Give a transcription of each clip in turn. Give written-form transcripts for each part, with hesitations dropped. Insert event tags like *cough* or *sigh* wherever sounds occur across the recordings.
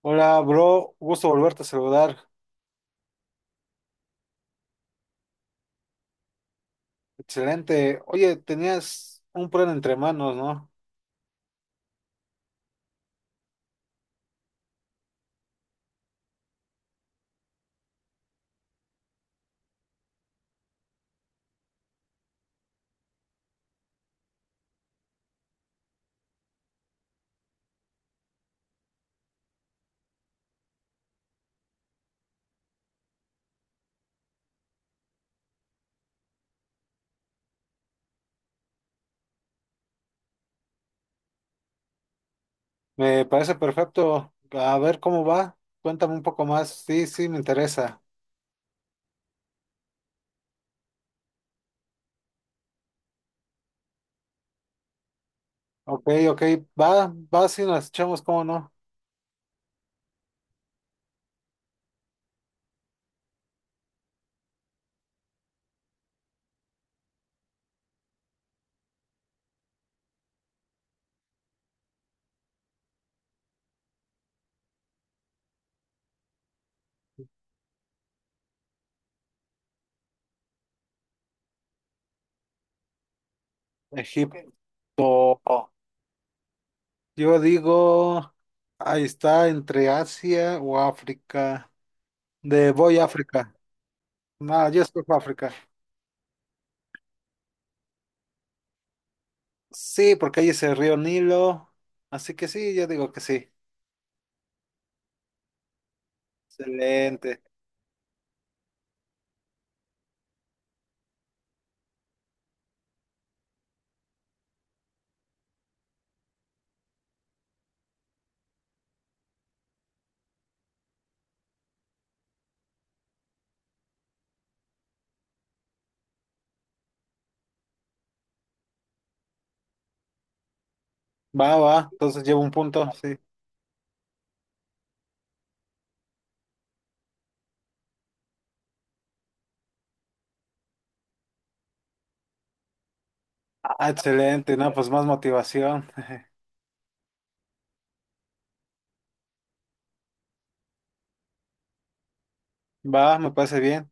Hola, bro, gusto volverte a saludar. Excelente. Oye, tenías un plan entre manos, ¿no? Me parece perfecto. A ver cómo va. Cuéntame un poco más. Sí, sí, me interesa. Ok, ok, va, va, sí, nos echamos, ¿cómo no? Egipto. Yo digo, ahí está, entre Asia o África. De voy a África. No, yo escojo África. Sí, porque ahí es el río Nilo. Así que sí, yo digo que sí. Excelente. Va, va, entonces llevo un punto, sí. Ah, excelente, no, pues más motivación. *laughs* Va, me parece bien.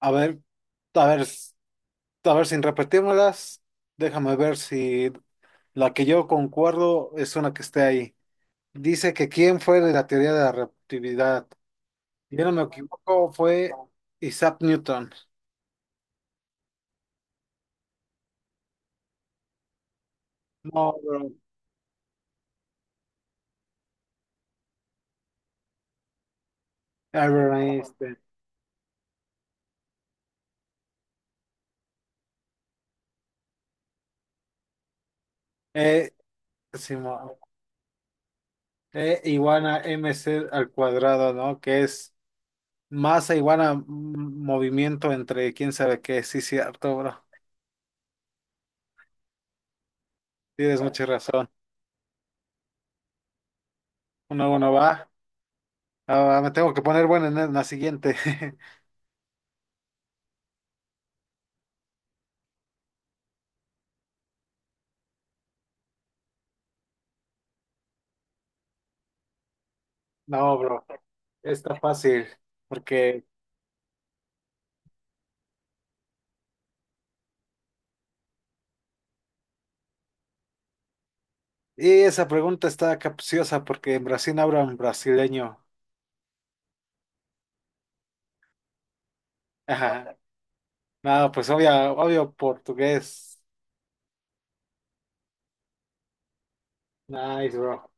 A ver, a ver, a ver, sin repetírmelas, déjame ver si la que yo concuerdo es una que esté ahí. Dice que quién fue de la teoría de la relatividad. Si yo no me equivoco, fue Isaac Newton. No, bro. Albert Einstein. E, Simón. E igual a mc al cuadrado, ¿no? Que es masa igual a movimiento entre quién sabe qué. Sí, cierto, bro. Tienes mucha razón. 1-1 va. Ah, me tengo que poner bueno en la siguiente. *laughs* No, bro. Está fácil. Porque. Y esa pregunta está capciosa porque en Brasil hablan brasileño. Ajá. No, pues obvio, obvio portugués. Nice, bro.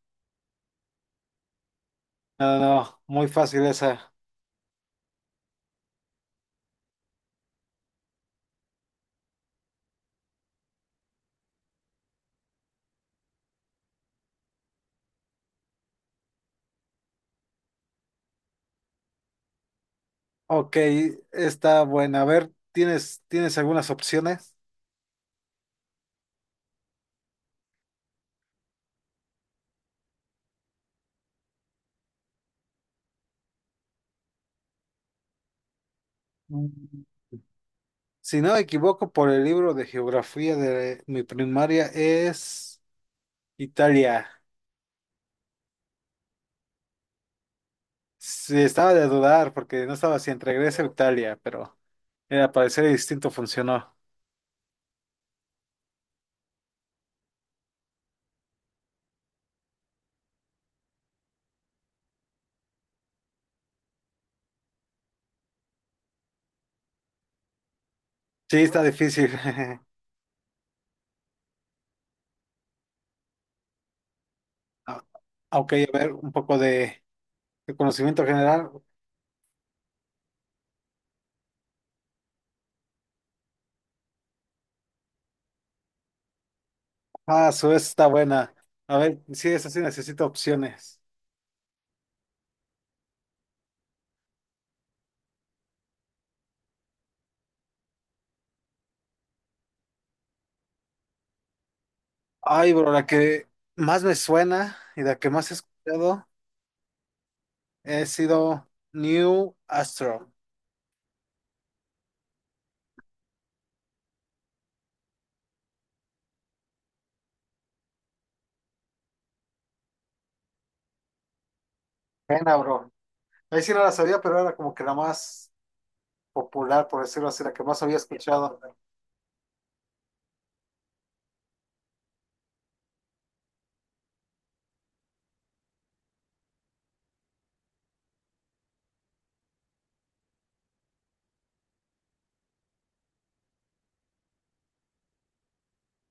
No, no, muy fácil esa. Ok, está buena. A ver, ¿tienes algunas opciones? Si no me equivoco, por el libro de geografía de mi primaria es Italia. Sí, estaba de dudar porque no estaba si entre Grecia o Italia, pero al parecer el distinto funcionó. Sí, está difícil. *laughs* Ah, ok, a ver, un poco de, conocimiento general. Ah, su vez está buena. A ver, sí, esa sí necesito opciones. Ay, bro, la que más me suena y la que más he escuchado he sido New Astro. Pena, bro. Ahí sí no la sabía, pero era como que la más popular, por decirlo así, la que más había escuchado.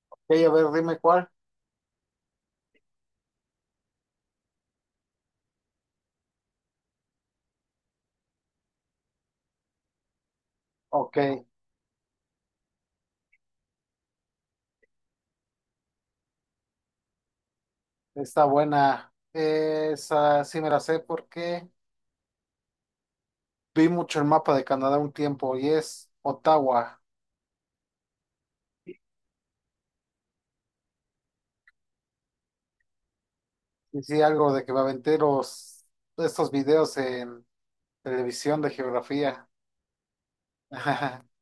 Ok, a ver, dime cuál. Ok, está buena. Esa sí me la sé porque vi mucho el mapa de Canadá un tiempo y es Ottawa. Y sí, algo de que me aventé estos videos en televisión de geografía. *laughs*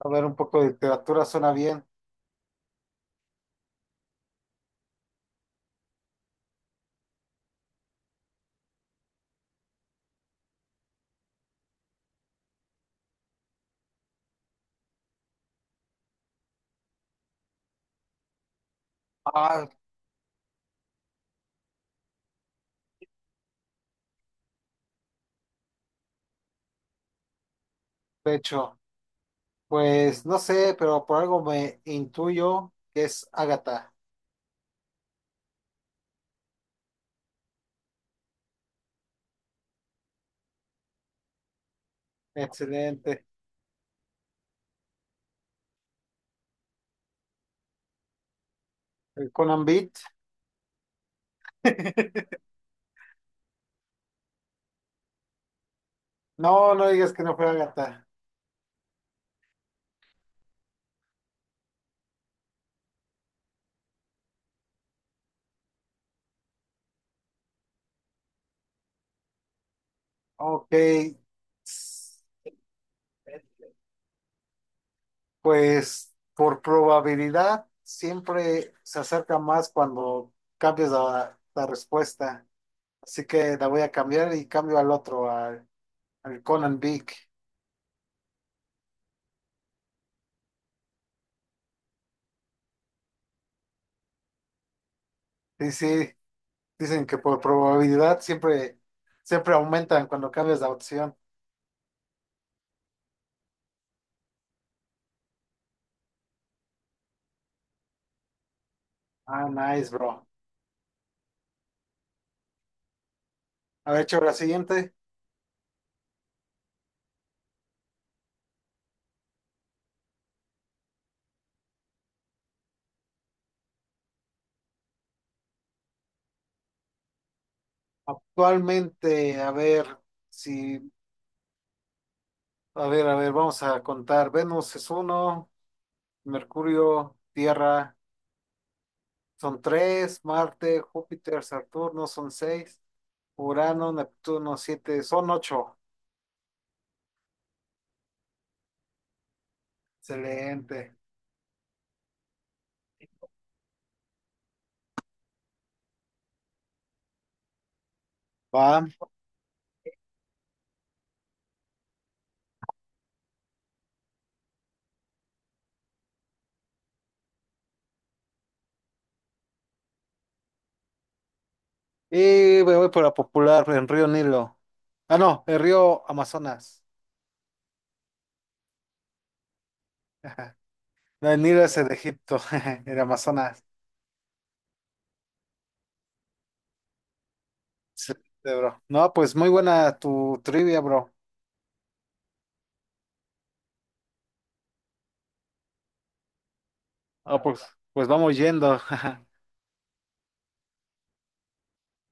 A ver, un poco de literatura suena bien. Ah, de hecho, pues no sé, pero por algo me intuyo que es Ágata. Excelente. El Conan Beat. *laughs* No, no digas que no fue Agatha. Ok. Pues por probabilidad siempre se acerca más cuando cambias la respuesta. Así que la voy a cambiar y cambio al otro, al Conan Big. Sí, sí, dicen que por probabilidad siempre, siempre aumentan cuando cambias la opción. Ah, nice, bro. A ver, hecho la siguiente. Actualmente, a ver si a ver, a ver, vamos a contar. Venus es uno, Mercurio, Tierra son tres, Marte, Júpiter, Saturno son seis, Urano, Neptuno siete, son ocho. Excelente. Va. Y me voy por la popular en Río Nilo. Ah, no, el río Amazonas. *laughs* Ajá. No, el Nilo es el de Egipto, *laughs* el Amazonas. Excelente, bro. No, pues muy buena tu trivia, bro. Ah, pues, vamos yendo. *laughs*